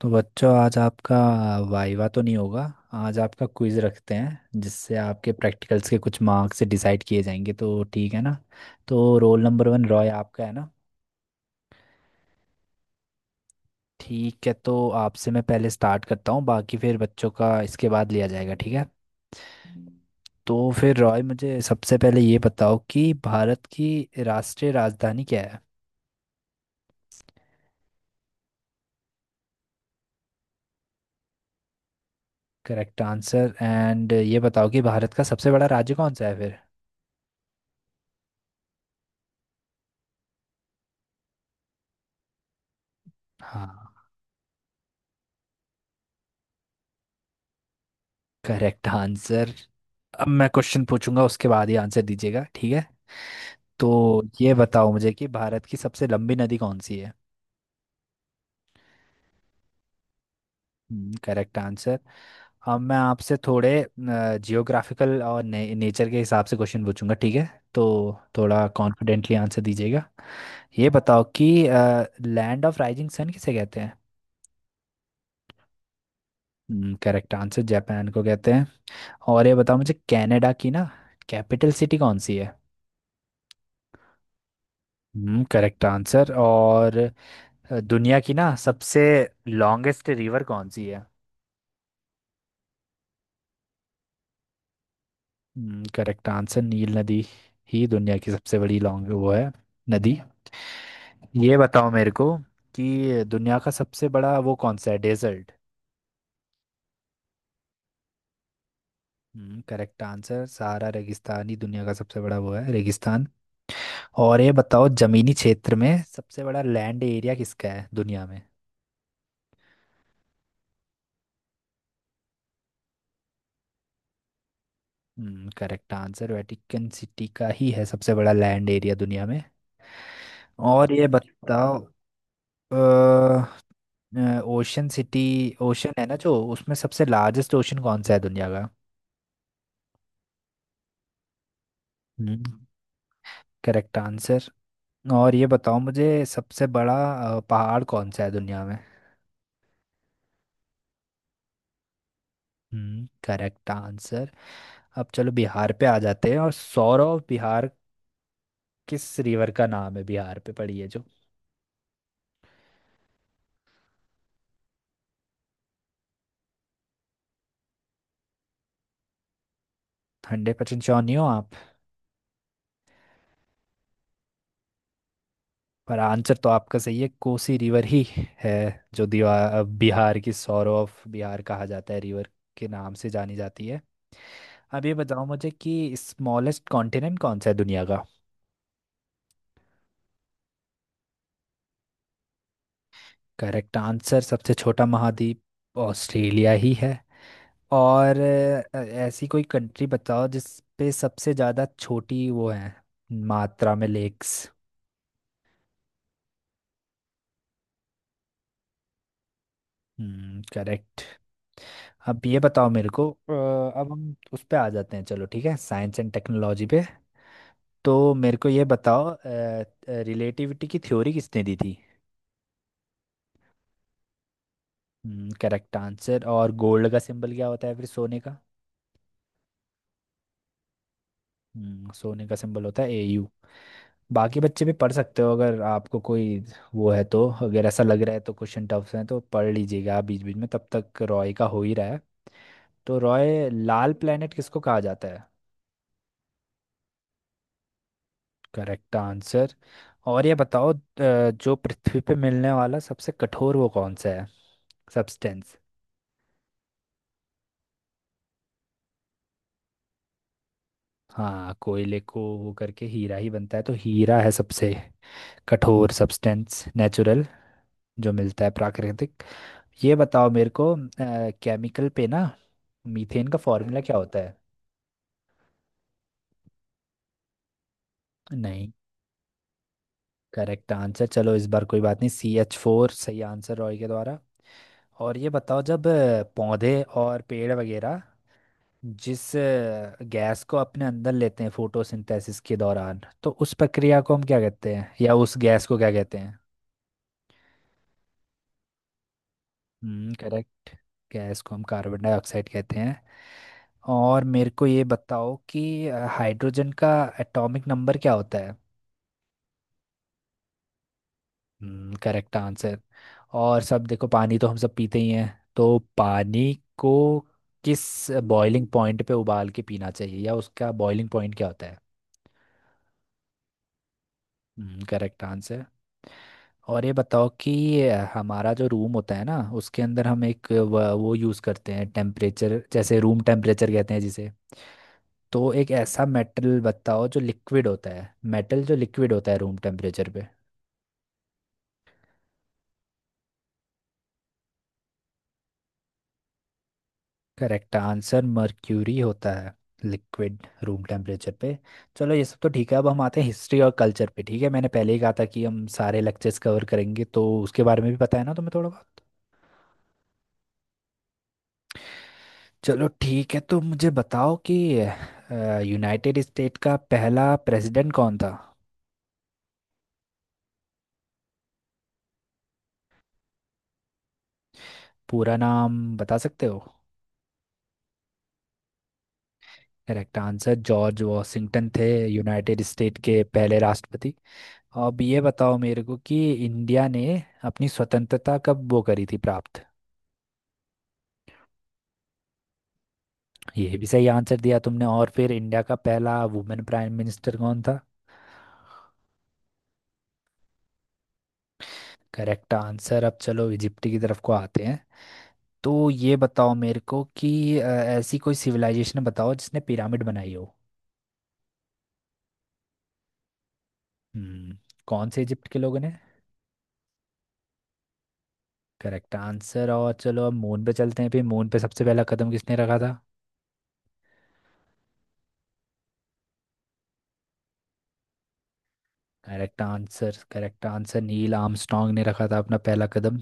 तो बच्चों, आज आपका वाइवा तो नहीं होगा। आज आपका क्विज रखते हैं, जिससे आपके प्रैक्टिकल्स के कुछ मार्क्स डिसाइड किए जाएंगे, तो ठीक है ना। तो रोल नंबर 1 रॉय आपका है ना। ठीक है, तो आपसे मैं पहले स्टार्ट करता हूँ, बाकी फिर बच्चों का इसके बाद लिया जाएगा, ठीक है। तो फिर रॉय, मुझे सबसे पहले ये बताओ कि भारत की राष्ट्रीय राजधानी क्या है। करेक्ट आंसर, एंड ये बताओ कि भारत का सबसे बड़ा राज्य कौन सा है फिर। हाँ। Correct answer. अब मैं क्वेश्चन पूछूंगा, उसके बाद ही आंसर दीजिएगा, ठीक है। तो ये बताओ मुझे कि भारत की सबसे लंबी नदी कौन सी है। Correct answer. अब मैं आपसे थोड़े जियोग्राफिकल और नेचर के हिसाब से क्वेश्चन पूछूंगा, ठीक है। तो थोड़ा कॉन्फिडेंटली आंसर दीजिएगा। ये बताओ कि लैंड ऑफ राइजिंग सन किसे कहते हैं। करेक्ट आंसर, जापान को कहते हैं। और ये बताओ मुझे कनाडा की ना कैपिटल सिटी कौन सी है। Correct answer. और दुनिया की ना सबसे लॉन्गेस्ट रिवर कौन सी है। करेक्ट आंसर, नील नदी ही दुनिया की सबसे बड़ी लॉन्ग वो है नदी। ये बताओ मेरे को कि दुनिया का सबसे बड़ा वो कौन सा है, डेजर्ट। करेक्ट आंसर, सहारा रेगिस्तान ही दुनिया का सबसे बड़ा वो है रेगिस्तान। और ये बताओ, जमीनी क्षेत्र में सबसे बड़ा लैंड एरिया किसका है दुनिया में। करेक्ट आंसर, वेटिकन सिटी का ही है सबसे बड़ा लैंड एरिया दुनिया में। और ये बताओ, ओशन सिटी ओशन है ना, जो उसमें सबसे लार्जेस्ट ओशन कौन सा है दुनिया का। Hmm, correct answer. और ये बताओ मुझे सबसे बड़ा पहाड़ कौन सा है दुनिया में। Hmm, correct answer. अब चलो बिहार पे आ जाते हैं, और सौरव बिहार किस रिवर का नाम है, बिहार पे पड़ी है जो। हंड्रेड परसेंट श्योर नहीं हो आप? पर आंसर तो आपका सही है, कोसी रिवर ही है जो दीवा बिहार की, सौरव ऑफ बिहार कहा जाता है रिवर के नाम से जानी जाती है। अब ये बताओ मुझे कि स्मॉलेस्ट कॉन्टिनेंट कौन सा है दुनिया का। करेक्ट आंसर, सबसे छोटा महाद्वीप ऑस्ट्रेलिया ही है। और ऐसी कोई कंट्री बताओ जिस पे सबसे ज़्यादा छोटी वो है मात्रा में, लेक्स। Hmm, correct. अब ये बताओ मेरे को अब हम उस पे आ जाते हैं, चलो ठीक है, साइंस एंड टेक्नोलॉजी पे। तो मेरे को ये बताओ, रिलेटिविटी की थ्योरी किसने दी थी। Correct answer. और गोल्ड का सिंबल क्या होता है फिर, सोने का। सोने का सिंबल होता है Au। बाकी बच्चे भी पढ़ सकते हो, अगर आपको कोई वो है तो, अगर ऐसा लग रहा है तो, क्वेश्चन टफ है तो पढ़ लीजिएगा आप बीच बीच में, तब तक रॉय का हो ही रहा है। तो रॉय, लाल प्लेनेट किसको कहा जाता है। Correct answer. और ये बताओ जो पृथ्वी पे मिलने वाला सबसे कठोर वो कौन सा है, सब्सटेंस। हाँ, कोयले को वो करके हीरा ही बनता है, तो हीरा है सबसे कठोर सब्सटेंस, नेचुरल जो मिलता है, प्राकृतिक। ये बताओ मेरे को, केमिकल पे ना, मीथेन का फॉर्मूला क्या होता है। नहीं। करेक्ट आंसर, चलो इस बार कोई बात नहीं, CH4 सही आंसर रॉय के द्वारा। और ये बताओ, जब पौधे और पेड़ वगैरह जिस गैस को अपने अंदर लेते हैं फोटोसिंथेसिस के दौरान, तो उस प्रक्रिया को हम क्या कहते हैं, या उस गैस को क्या कहते हैं। हम्म, करेक्ट। गैस को हम कार्बन डाइऑक्साइड कहते हैं। और मेरे को ये बताओ कि हाइड्रोजन का एटॉमिक नंबर क्या होता है। हम्म, करेक्ट आंसर। और सब देखो, पानी तो हम सब पीते ही हैं, तो पानी को किस बॉइलिंग पॉइंट पे उबाल के पीना चाहिए, या उसका बॉइलिंग पॉइंट क्या होता है। हम्म, करेक्ट आंसर। और ये बताओ कि हमारा जो रूम होता है ना, उसके अंदर हम एक वो यूज़ करते हैं टेम्परेचर, जैसे रूम टेम्परेचर कहते हैं जिसे, तो एक ऐसा मेटल बताओ जो लिक्विड होता है, मेटल जो लिक्विड होता है रूम टेम्परेचर पे। करेक्ट आंसर, मर्क्यूरी होता है लिक्विड रूम टेम्परेचर पे। चलो ये सब तो ठीक है, अब हम आते हैं हिस्ट्री और कल्चर पे, ठीक है। मैंने पहले ही कहा था कि हम सारे लेक्चर्स कवर करेंगे, तो उसके बारे में भी पता है ना तुम्हें थोड़ा बहुत। चलो ठीक है, तो मुझे बताओ कि यूनाइटेड स्टेट का पहला प्रेसिडेंट कौन था। पूरा नाम बता सकते हो? करेक्ट आंसर, जॉर्ज वॉशिंगटन थे यूनाइटेड स्टेट के पहले राष्ट्रपति। अब ये बताओ मेरे को कि इंडिया ने अपनी स्वतंत्रता कब वो करी थी, प्राप्त। ये भी सही आंसर दिया तुमने। और फिर इंडिया का पहला वुमेन प्राइम मिनिस्टर कौन था। Correct answer. अब चलो इजिप्ट की तरफ को आते हैं। तो ये बताओ मेरे को कि ऐसी कोई सिविलाइजेशन बताओ जिसने पिरामिड बनाई हो। हम्म, कौन से इजिप्ट के लोगों ने। Correct answer. और चलो अब मून पे चलते हैं, फिर मून पे सबसे पहला कदम किसने रखा था। Correct answer, correct answer, Neil Armstrong ने रखा था अपना पहला कदम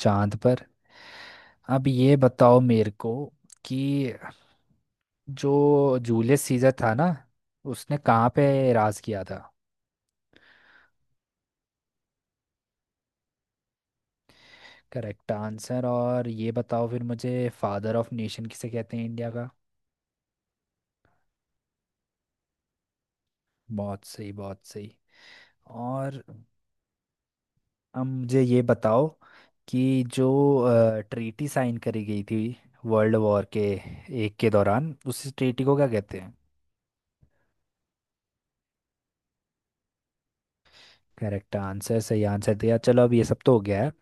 चांद पर। अब ये बताओ मेरे को कि जो जूलियस सीजर था ना, उसने कहाँ पे राज किया था। Correct answer. और ये बताओ फिर मुझे, फादर ऑफ नेशन किसे कहते हैं इंडिया का। बहुत सही, बहुत सही। और अब मुझे ये बताओ कि जो ट्रीटी साइन करी गई थी वर्ल्ड वॉर के एक के दौरान, उस ट्रीटी को क्या कहते हैं। करेक्ट आंसर, सही आंसर दिया। चलो, अब ये सब तो हो गया है,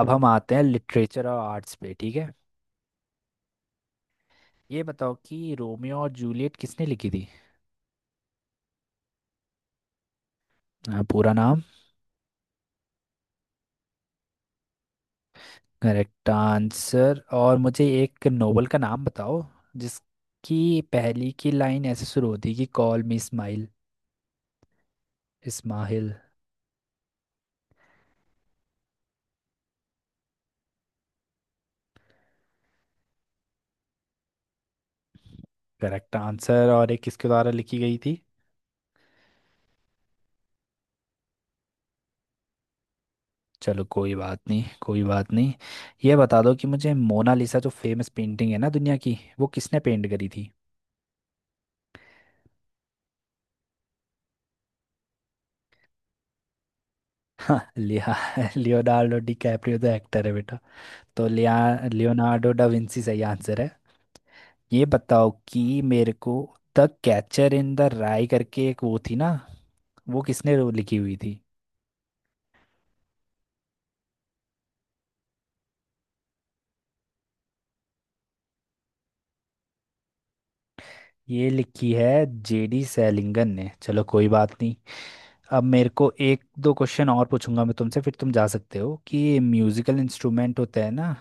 अब हम आते हैं लिटरेचर और आर्ट्स पे, ठीक है। ये बताओ कि रोमियो और जूलियट किसने लिखी थी। पूरा नाम? Correct answer. और मुझे एक नोवेल का नाम बताओ जिसकी पहली की लाइन ऐसे शुरू होती है कि call me smile Ishmael. Correct answer. और एक किसके द्वारा लिखी गई थी? चलो कोई बात नहीं, कोई बात नहीं। ये बता दो कि मुझे मोनालिसा जो फेमस पेंटिंग है ना दुनिया की, वो किसने पेंट करी थी। लिया लियोनार्डो डी कैप्रियो तो एक्टर है बेटा। तो लिया लियोनार्डो डा विंची सही आंसर है। ये बताओ कि मेरे को, the catcher in the rye करके एक वो थी ना, वो किसने लिखी हुई थी। ये लिखी है JD सैलिंगन ने, चलो कोई बात नहीं। अब मेरे को एक दो क्वेश्चन और पूछूंगा मैं तुमसे, फिर तुम जा सकते हो, कि म्यूजिकल इंस्ट्रूमेंट होता है ना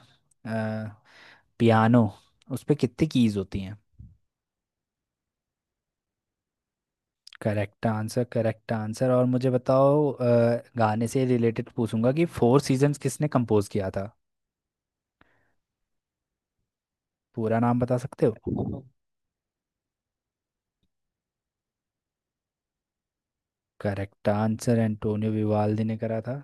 पियानो, उस पे कितनी कीज होती हैं। Correct answer, correct answer. और मुझे बताओ गाने से रिलेटेड पूछूंगा कि फोर सीजन्स किसने कंपोज किया था। पूरा नाम बता सकते हो? करेक्ट आंसर, एंटोनियो विवाल्दी ने करा था।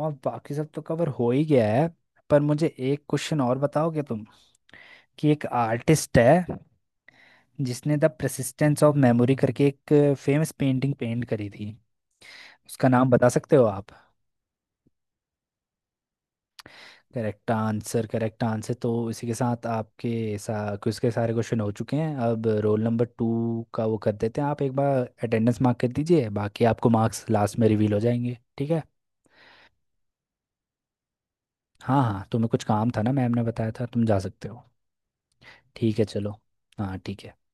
और बाकी सब तो कवर हो ही गया है, पर मुझे एक क्वेश्चन और बताओगे तुम, कि एक आर्टिस्ट है जिसने द परसिस्टेंस ऑफ मेमोरी करके एक फेमस पेंटिंग पेंट करी थी, उसका नाम बता सकते हो आप। Correct answer, correct answer. तो इसी के साथ आपके क्विज के सारे क्वेश्चन हो चुके हैं। अब रोल नंबर 2 का वो कर देते हैं, आप एक बार अटेंडेंस मार्क कर दीजिए, बाकी आपको मार्क्स लास्ट में रिवील हो जाएंगे, ठीक है। हाँ हाँ, तुम्हें कुछ काम था ना, मैम ने बताया था, तुम जा सकते हो। ठीक है, चलो। हाँ, ठीक है।